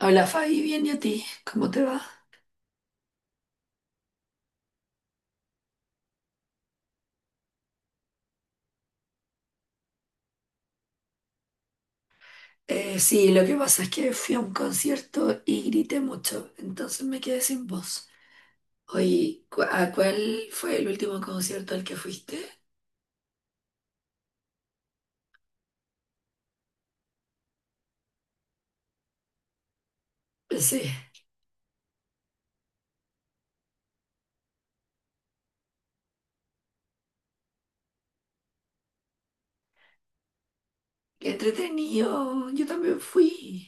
Hola Fabi, bien, y a ti, ¿cómo te va? Sí, lo que pasa es que fui a un concierto y grité mucho, entonces me quedé sin voz. Oye, ¿a cuál fue el último concierto al que fuiste? Pues sí, qué entretenido, yo también fui.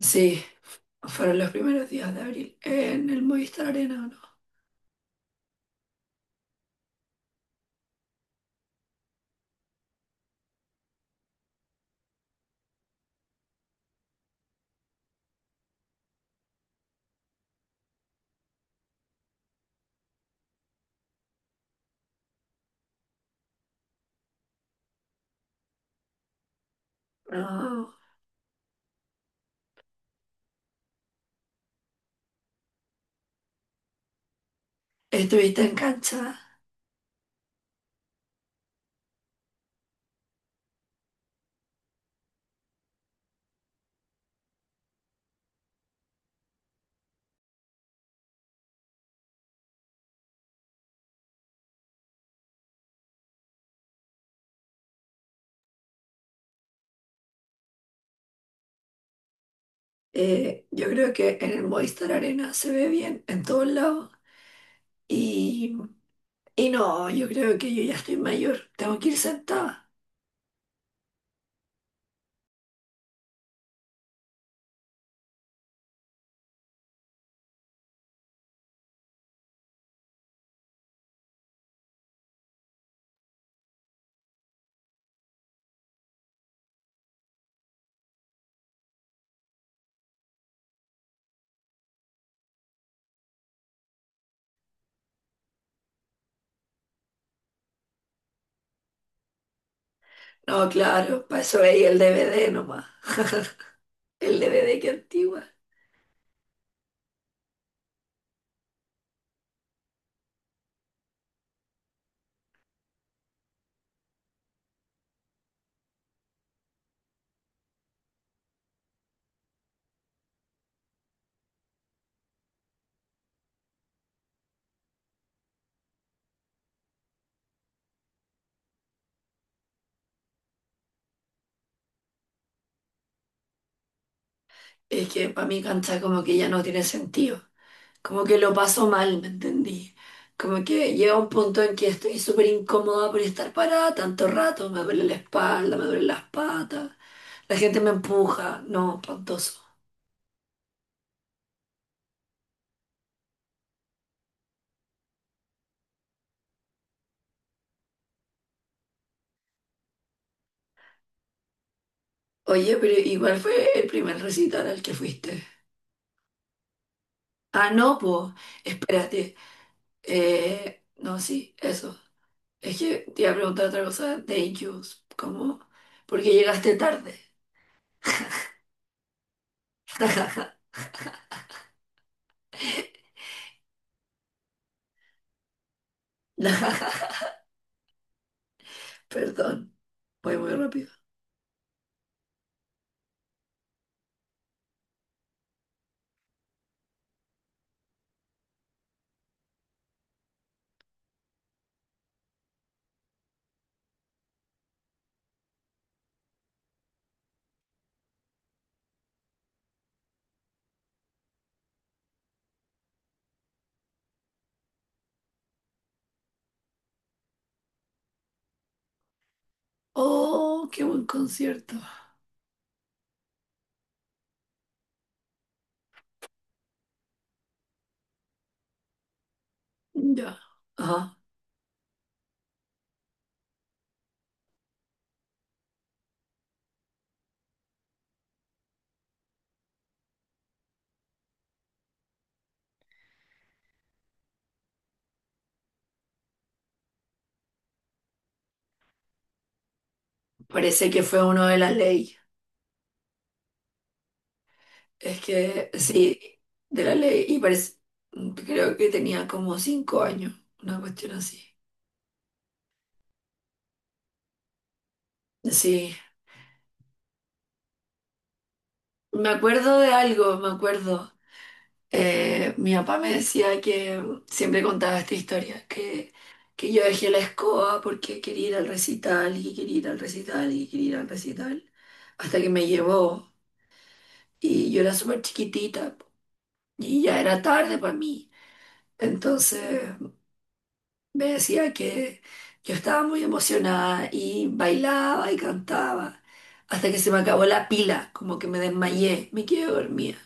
Sí, fueron los primeros días de abril en el Movistar Arena. ¿O no? No, estuviste en cancha. Yo creo que en el Movistar Arena se ve bien en todos lados. Y Y no, yo creo que yo ya estoy mayor. Tengo que ir sentada. No, claro, para eso veía el DVD nomás. El DVD, que antigua. Es que para mí cantar como que ya no tiene sentido, como que lo paso mal, ¿me entendí? Como que llega un punto en que estoy súper incómoda por estar parada tanto rato. Me duele la espalda, me duelen las patas. La gente me empuja. No, espantoso. Oye, pero igual fue el primer recital al que fuiste. Ah, no, pues, espérate. No, sí, eso. Es que te iba a preguntar otra cosa de Incubus. ¿Cómo? Porque llegaste tarde. Perdón, voy muy rápido. Oh, qué buen concierto. Ya. Ajá. Parece que fue uno de la Ley. Es que sí, de la Ley. Y parece, creo que tenía como cinco años, una cuestión así. Sí, me acuerdo de algo, me acuerdo. Mi papá me decía que siempre contaba esta historia, que yo dejé la escoba porque quería ir al recital y quería ir al recital y quería ir al recital, hasta que me llevó, y yo era súper chiquitita y ya era tarde para mí. Entonces me decía que yo estaba muy emocionada y bailaba y cantaba, hasta que se me acabó la pila, como que me desmayé, me quedé dormida.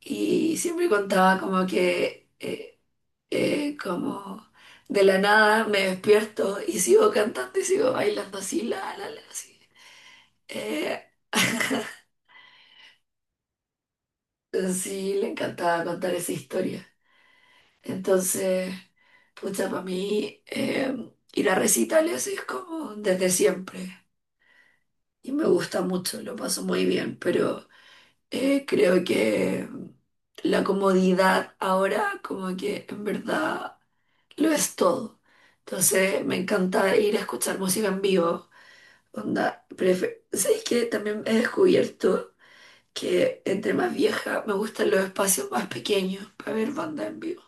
Y siempre contaba como que... como de la nada me despierto y sigo cantando y sigo bailando así, la, así. Eh, sí, le encantaba contar esa historia. Entonces, pucha, para mí ir a recitales es como desde siempre y me gusta mucho, lo paso muy bien, pero creo que la comodidad ahora como que en verdad lo es todo. Entonces, me encanta ir a escuchar música en vivo. Onda, ¿sabes qué? También he descubierto que entre más vieja me gustan los espacios más pequeños para ver banda en vivo.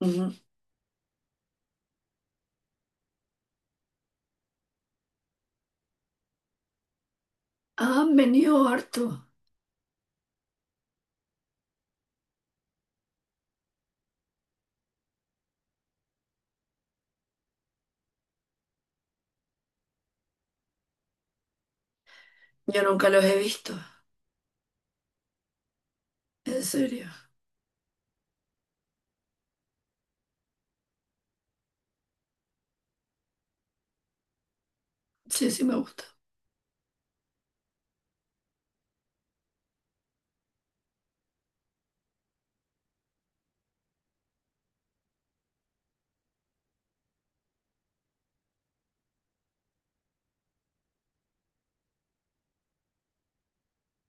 Ujú. Han venido harto. Yo nunca los he visto. En serio. Sí, sí me gusta.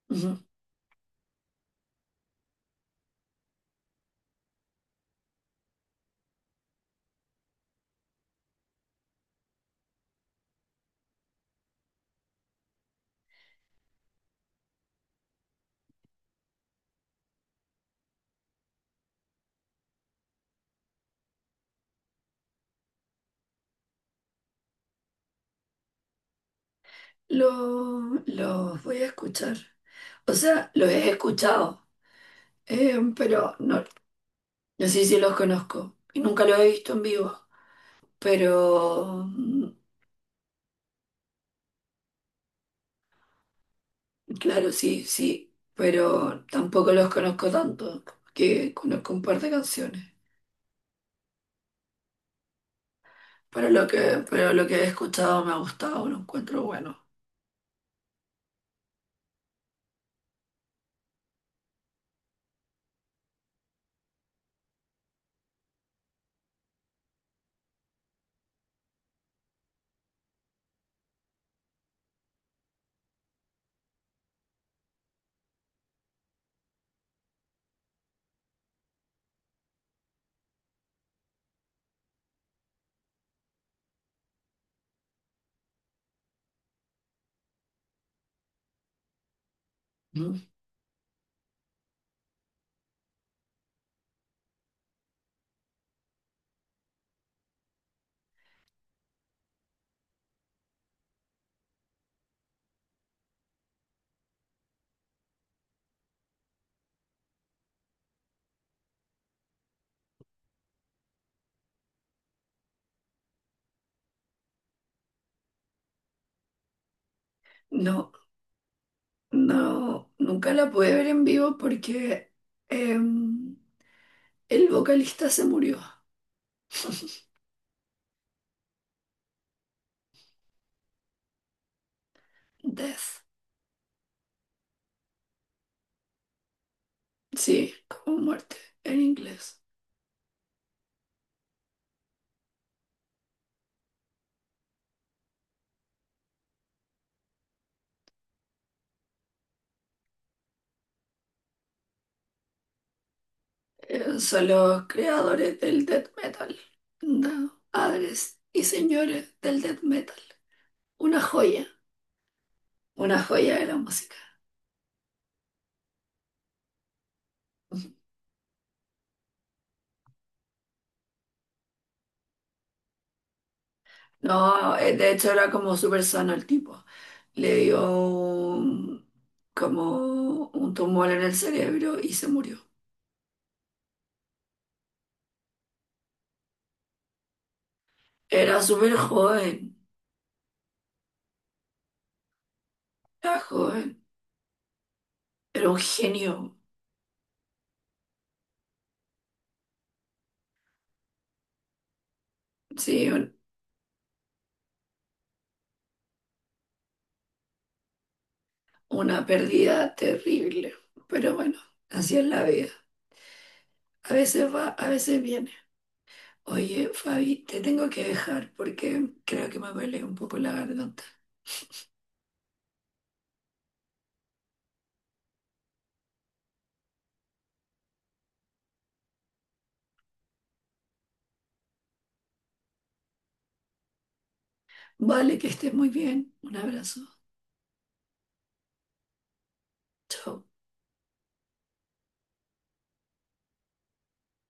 Ujú. Los voy a escuchar. O sea, los he escuchado, pero no, no sé si los conozco. Y nunca los he visto en vivo. Pero mm, claro, sí, sí, pero tampoco los conozco tanto, que conozco un par de canciones. Pero lo que he escuchado me ha gustado, lo encuentro bueno. ¿Mm? No, no, nunca la pude ver en vivo porque em, el vocalista se murió. Death, sí, como muerte en inglés. Son los creadores del death metal, ¿no? Padres y señores del death metal. Una joya, una joya de la música. No, de hecho era como súper sano el tipo. Le dio un- como un tumor en el cerebro y se murió. Era súper joven, era un genio, sí, una pérdida terrible. Pero bueno, así es la vida. A veces va, a veces viene. Oye, Fabi, te tengo que dejar porque creo que me duele un poco la garganta. Vale, que estés muy bien. Un abrazo. Chao.